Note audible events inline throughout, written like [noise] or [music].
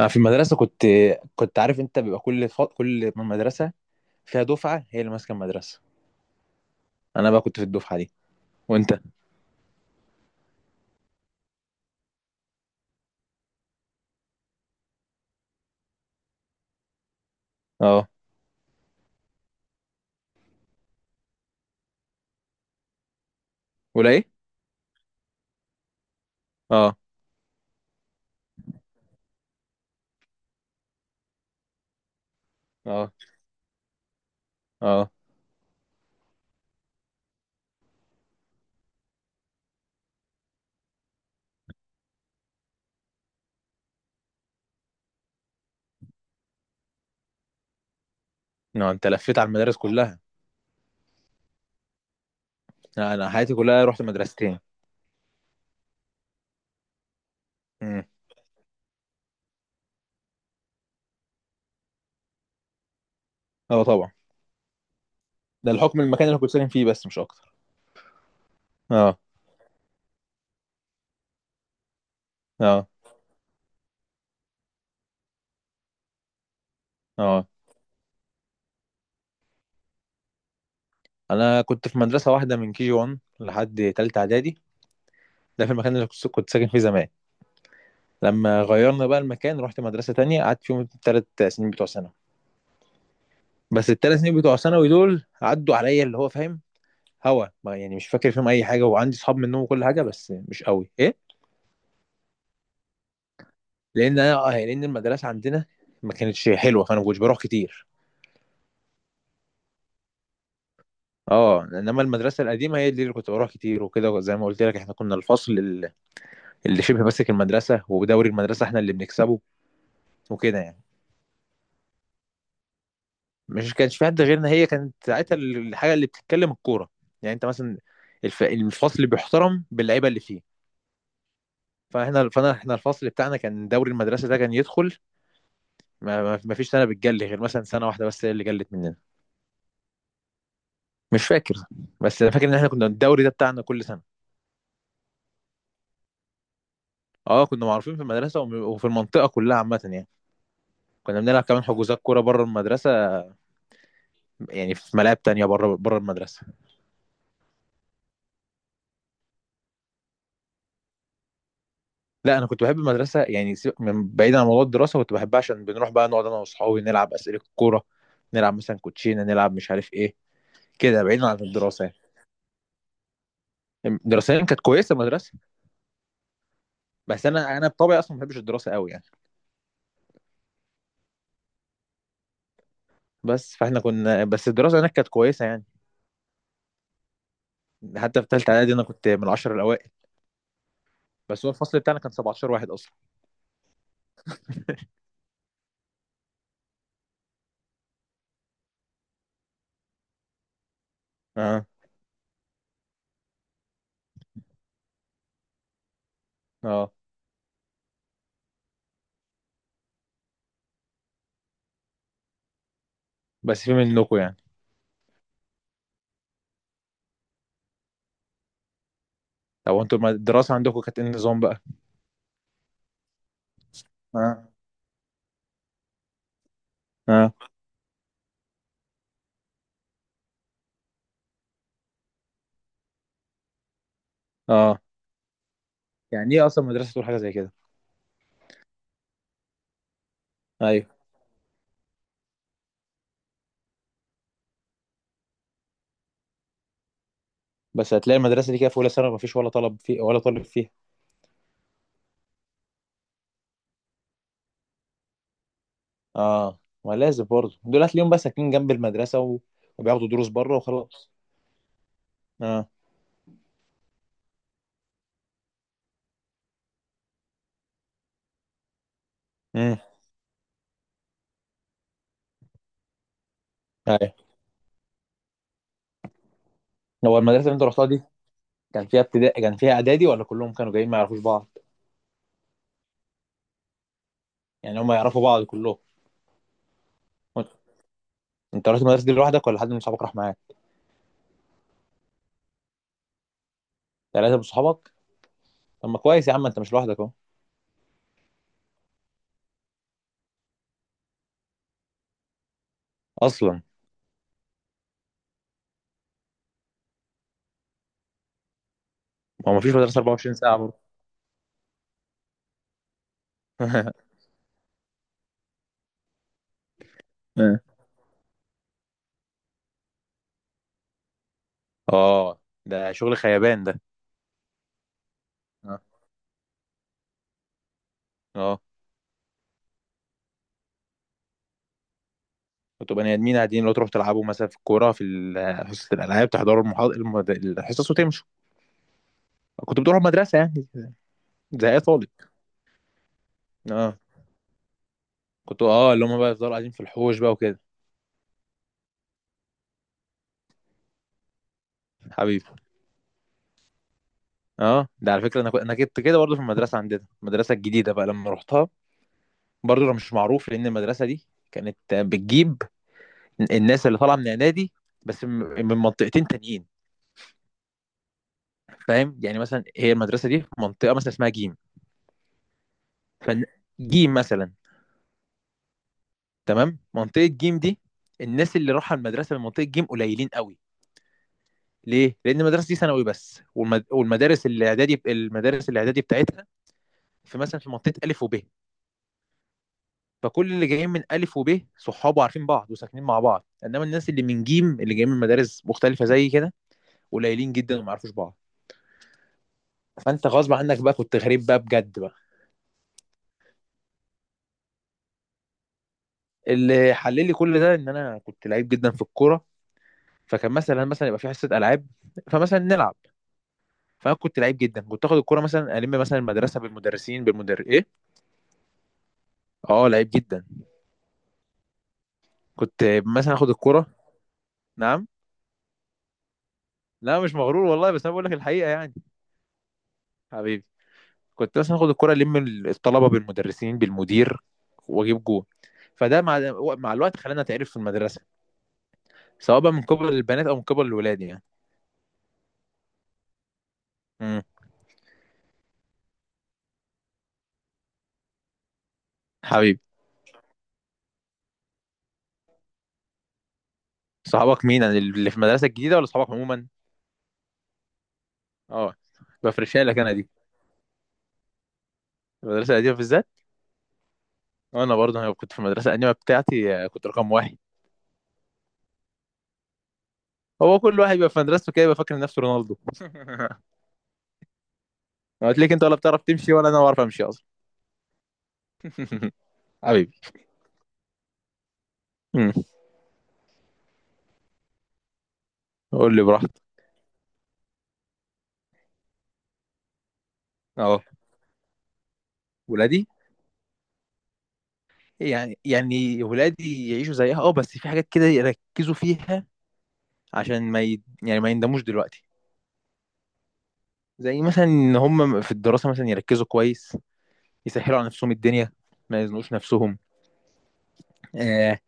انا في المدرسه كنت عارف انت بيبقى كل كل من مدرسه فيها دفعه هي اللي ماسكه المدرسه. انا بقى كنت في الدفعه دي. وانت؟ اه ولا ايه. اه. اه. اه. لا، انت لفيت على المدارس كلها. لا، انا حياتي كلها رحت مدرستين. امم. اه طبعا. ده الحكم المكان اللي كنت ساكن فيه بس مش اكتر. اه. اه. اه. انا كنت في مدرسه واحده من كي جي 1 لحد تالتة اعدادي. ده في المكان اللي كنت ساكن فيه زمان. لما غيرنا بقى المكان رحت مدرسه تانية قعدت فيهم الثلاث سنين بتوع ثانوي. بس الثلاث سنين بتوع ثانوي دول عدوا عليا اللي هو فاهم. هوا ما يعني مش فاكر فيهم اي حاجه وعندي اصحاب منهم وكل حاجه بس مش قوي ايه. لان انا يعني لان المدرسه عندنا ما كانتش حلوه فانا ما كنتش بروح كتير. اه انما المدرسه القديمه هي دي اللي كنت بروح كتير وكده. زي ما قلت لك احنا كنا اللي شبه ماسك المدرسه ودوري المدرسه احنا اللي بنكسبه وكده يعني. مش كانش في حد غيرنا. هي كانت ساعتها الحاجه اللي بتتكلم الكوره. يعني انت مثلا الفصل بيحترم باللعيبه اللي فيه. فاحنا فانا احنا الفصل بتاعنا كان دوري المدرسه ده كان يدخل. ما فيش سنه بتجلي غير مثلا سنه واحده بس هي اللي جلت مننا. مش فاكر. بس انا فاكر ان احنا كنا الدوري ده بتاعنا كل سنه. اه كنا معروفين في المدرسه وفي المنطقه كلها عامه يعني. كنا بنلعب كمان حجوزات كوره بره المدرسه. يعني في ملاعب تانية بره المدرسه. لا انا كنت بحب المدرسه. يعني سيبك من بعيد عن موضوع الدراسه كنت بحبها عشان بنروح بقى نقعد انا واصحابي نلعب اسئله الكوره. نلعب مثلا كوتشينه نلعب مش عارف ايه كده بعيد عن الدراسه. يعني دراسيا كانت كويسه المدرسه. بس انا بطبعي اصلا ما بحبش الدراسه قوي يعني. بس فاحنا كنا بس الدراسه هناك كانت كويسه يعني. حتى في ثالثه اعدادي انا كنت من العشر الاوائل. بس هو الفصل بتاعنا كان 17 واحد اصلا. اه. اه. بس في منكم يعني. طب انتوا الدراسه عندكم كانت ايه النظام بقى. اه. اه. اه. يعني ايه اصلا مدرسه تقول حاجه زي كده. ايوه بس هتلاقي المدرسه دي كده في اولى ثانوي ما فيش ولا طلب فيه ولا طالب فيها. اه ما لازم برضه دول هتلاقيهم بقى ساكنين جنب المدرسه وبياخدوا دروس بره وخلاص. اه. امم. ايوه هو المدرسه اللي انت رحتها دي كان فيها ابتدائي كان فيها اعدادي ولا كلهم كانوا جايين ما يعرفوش بعض؟ يعني هم يعرفوا بعض كلهم. انت رحت المدرسه دي لوحدك ولا حد من صحابك راح معاك؟ ثلاثه من صحابك. طب ما كويس يا عم انت مش لوحدك اهو. اصلا هو ما فيش مدرسه 24 ساعه برضه. [laughs] اه ده شغل خيبان ده. اه. اه. وتبقى بني ادمين قاعدين لو تروح تلعبوا مثلا في الكوره في حصه الالعاب تحضروا الحصص وتمشوا. كنت بتروح المدرسه يعني زي اي طالب. اه كنت اه اللي هم بقى يفضلوا قاعدين في الحوش بقى وكده. حبيبي. اه ده على فكره انا انا كنت كده برضه في المدرسه عندنا المدرسه الجديده بقى لما رحتها. برضه انا مش معروف لان المدرسه دي كانت بتجيب الناس اللي طالعه من اعدادي بس من منطقتين تانيين. فاهم يعني مثلا هي المدرسه دي في منطقه مثلا اسمها جيم. فجيم مثلا. تمام منطقه جيم دي الناس اللي راحوا المدرسه من منطقه جيم قليلين قوي. ليه؟ لان المدرسه دي ثانوي بس والمدارس الاعدادي بتاعتها في مثلا في منطقه الف وب. فكل اللي جايين من ألف وب صحابه عارفين بعض وساكنين مع بعض. إنما الناس اللي من جيم اللي جايين من مدارس مختلفة زي كده قليلين جدا وما يعرفوش بعض. فأنت غصب عنك بقى كنت غريب بقى بجد بقى. اللي حللي كل ده إن أنا كنت لعيب جدا في الكورة. فكان مثلا يبقى في حصة ألعاب فمثلا نلعب. فأنا كنت لعيب جدا كنت آخد الكورة مثلا ألم مثلا المدرسة بالمدرسين إيه. أه لعيب جدا. كنت مثلا آخد الكورة. نعم. لا مش مغرور والله بس أنا بقول لك الحقيقة يعني. حبيبي. كنت مثلا اخد الكرة الطلبة بالمدرسين بالمدير واجيب جول. فده مع الوقت خلانا اتعرف في المدرسة. سواء بقى من قبل البنات او من قبل الولاد يعني. امم. حبيبي. صحابك مين يعني اللي في المدرسة الجديدة ولا صحابك عموما؟ اه بفرشها لك انا دي. المدرسة القديمة بالذات. وانا برضه كنت في المدرسة القديمة بتاعتي كنت رقم واحد. هو كل واحد بيبقى في مدرسته كده يبقى فاكر نفسه رونالدو. [laughs] هتلاقيك انت ولا بتعرف تمشي ولا انا بعرف امشي اصلا. [laughs] حبيبي. امم. قول لي براحتك. اه ولادي. يعني ولادي يعيشوا زيها اه بس في حاجات كده يركزوا فيها عشان ما ي... يعني ما يندموش دلوقتي. زي مثلا ان هم في الدراسه مثلا يركزوا كويس. يسهلوا على نفسهم الدنيا ما يزنقوش نفسهم. آه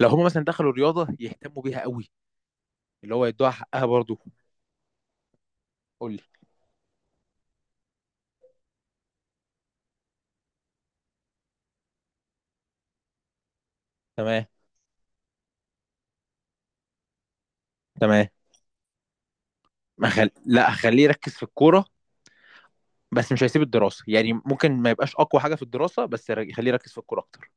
لو هم مثلا دخلوا رياضه يهتموا بيها قوي اللي هو يدوها حقها برضه. قول لي. تمام. تمام. ما خل... لا خليه يركز في الكوره. بس مش هيسيب الدراسه يعني ممكن ما يبقاش اقوى حاجه في الدراسه بس خليه يركز في الكوره اكتر.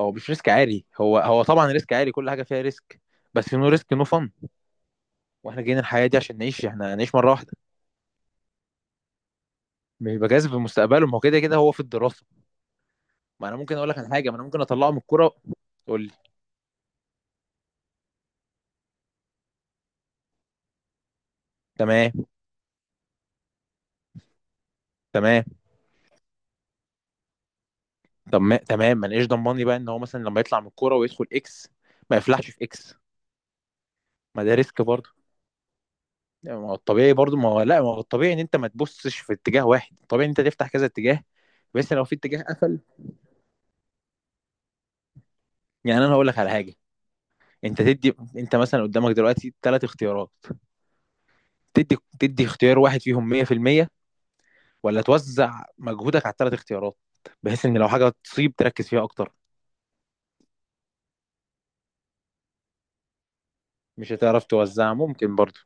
هو مش ريسك عالي. هو طبعا ريسك عالي. كل حاجه فيها ريسك. بس نو ريسك نو فن. واحنا جايين الحياه دي عشان نعيش. احنا هنعيش مره واحده. مش بجاذب مستقبله ما هو كده كده هو في الدراسه. ما انا ممكن اقول لك على حاجه. ما انا ممكن اطلعه من الكوره. تقول لي. تمام. تمام. طب ما تمام ما انا ايش ضمني بقى ان هو مثلا لما يطلع من الكوره ويدخل اكس ما يفلحش في اكس. ما ده ريسك برضه. يعني ما هو الطبيعي برضه. ما هو لا. ما هو الطبيعي ان انت ما تبصش في اتجاه واحد. الطبيعي ان انت تفتح كذا اتجاه. بس لو في اتجاه قفل. يعني انا هقول لك على حاجه. انت تدي انت مثلا قدامك دلوقتي ثلاث اختيارات. تدي اختيار واحد فيهم 100% ولا توزع مجهودك على الثلاث اختيارات بحيث ان لو حاجه تصيب تركز فيها اكتر. مش هتعرف توزعها ممكن برضه.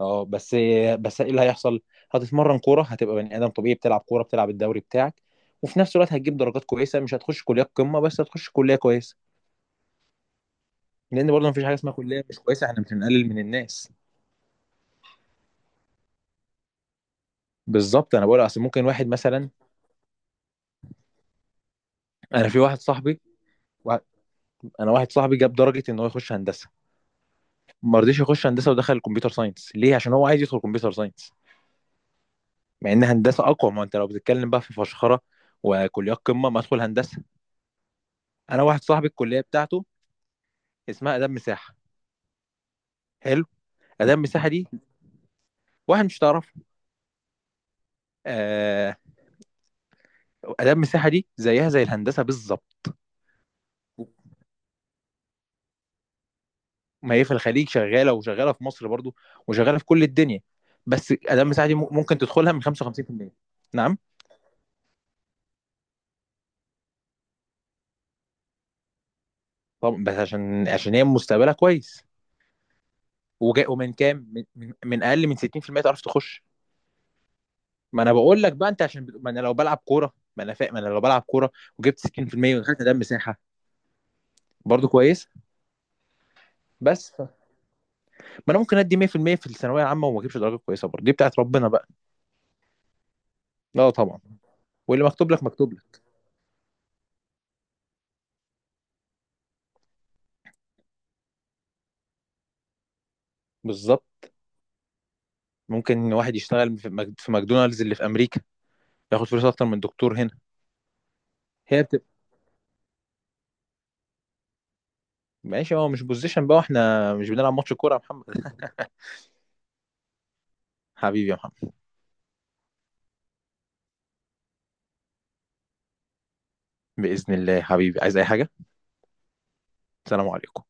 اه بس ايه اللي هيحصل. هتتمرن كوره. هتبقى بني ادم طبيعي بتلعب كوره بتلعب الدوري بتاعك وفي نفس الوقت هتجيب درجات كويسه. مش هتخش كليات قمه بس هتخش كليه كويسه. لان برضه مفيش حاجه اسمها كليه مش كويسه. احنا مش هنقلل من الناس. بالظبط انا بقول اصل ممكن واحد مثلا. انا في واحد صاحبي وا- انا واحد صاحبي جاب درجه ان هو يخش هندسه. ما رضيش يخش هندسه ودخل الكمبيوتر ساينس. ليه؟ عشان هو عايز يدخل كمبيوتر ساينس. مع ان هندسه اقوى. ما انت لو بتتكلم بقى في فشخره وكليات قمه ما ادخل هندسه. انا واحد صاحبي الكليه بتاعته اسمها اداب مساحه. حلو. اداب مساحه دي واحد مش تعرفه. آه. اداب مساحه دي زيها زي الهندسه بالظبط. ما هي في الخليج شغاله وشغاله في مصر برضو وشغاله في كل الدنيا. بس اداب مساحه دي ممكن تدخلها من 55%. نعم. طب بس عشان هي مستقبلها كويس. وجا ومن كام من اقل من 60% تعرف تخش. ما انا بقول لك بقى انت عشان ما انا لو بلعب كوره. ما انا فاهم. ما انا لو بلعب كوره وجبت 60% ودخلت ده مساحه برضو كويس. بس ما انا ممكن ادي 100% في المية في الثانويه العامه وما اجيبش درجه كويسه برضو. دي بتاعت ربنا بقى. لا طبعا. واللي مكتوب لك مكتوب لك. بالظبط. ممكن واحد يشتغل في في ماكدونالدز اللي في امريكا ياخد فلوس اكتر من دكتور هنا. هي بتبقى. ماشي هو مش بوزيشن بقى. واحنا مش بنلعب ماتش كوره يا محمد. [laughs] حبيبي يا محمد. باذن الله حبيبي عايز اي حاجه. السلام عليكم.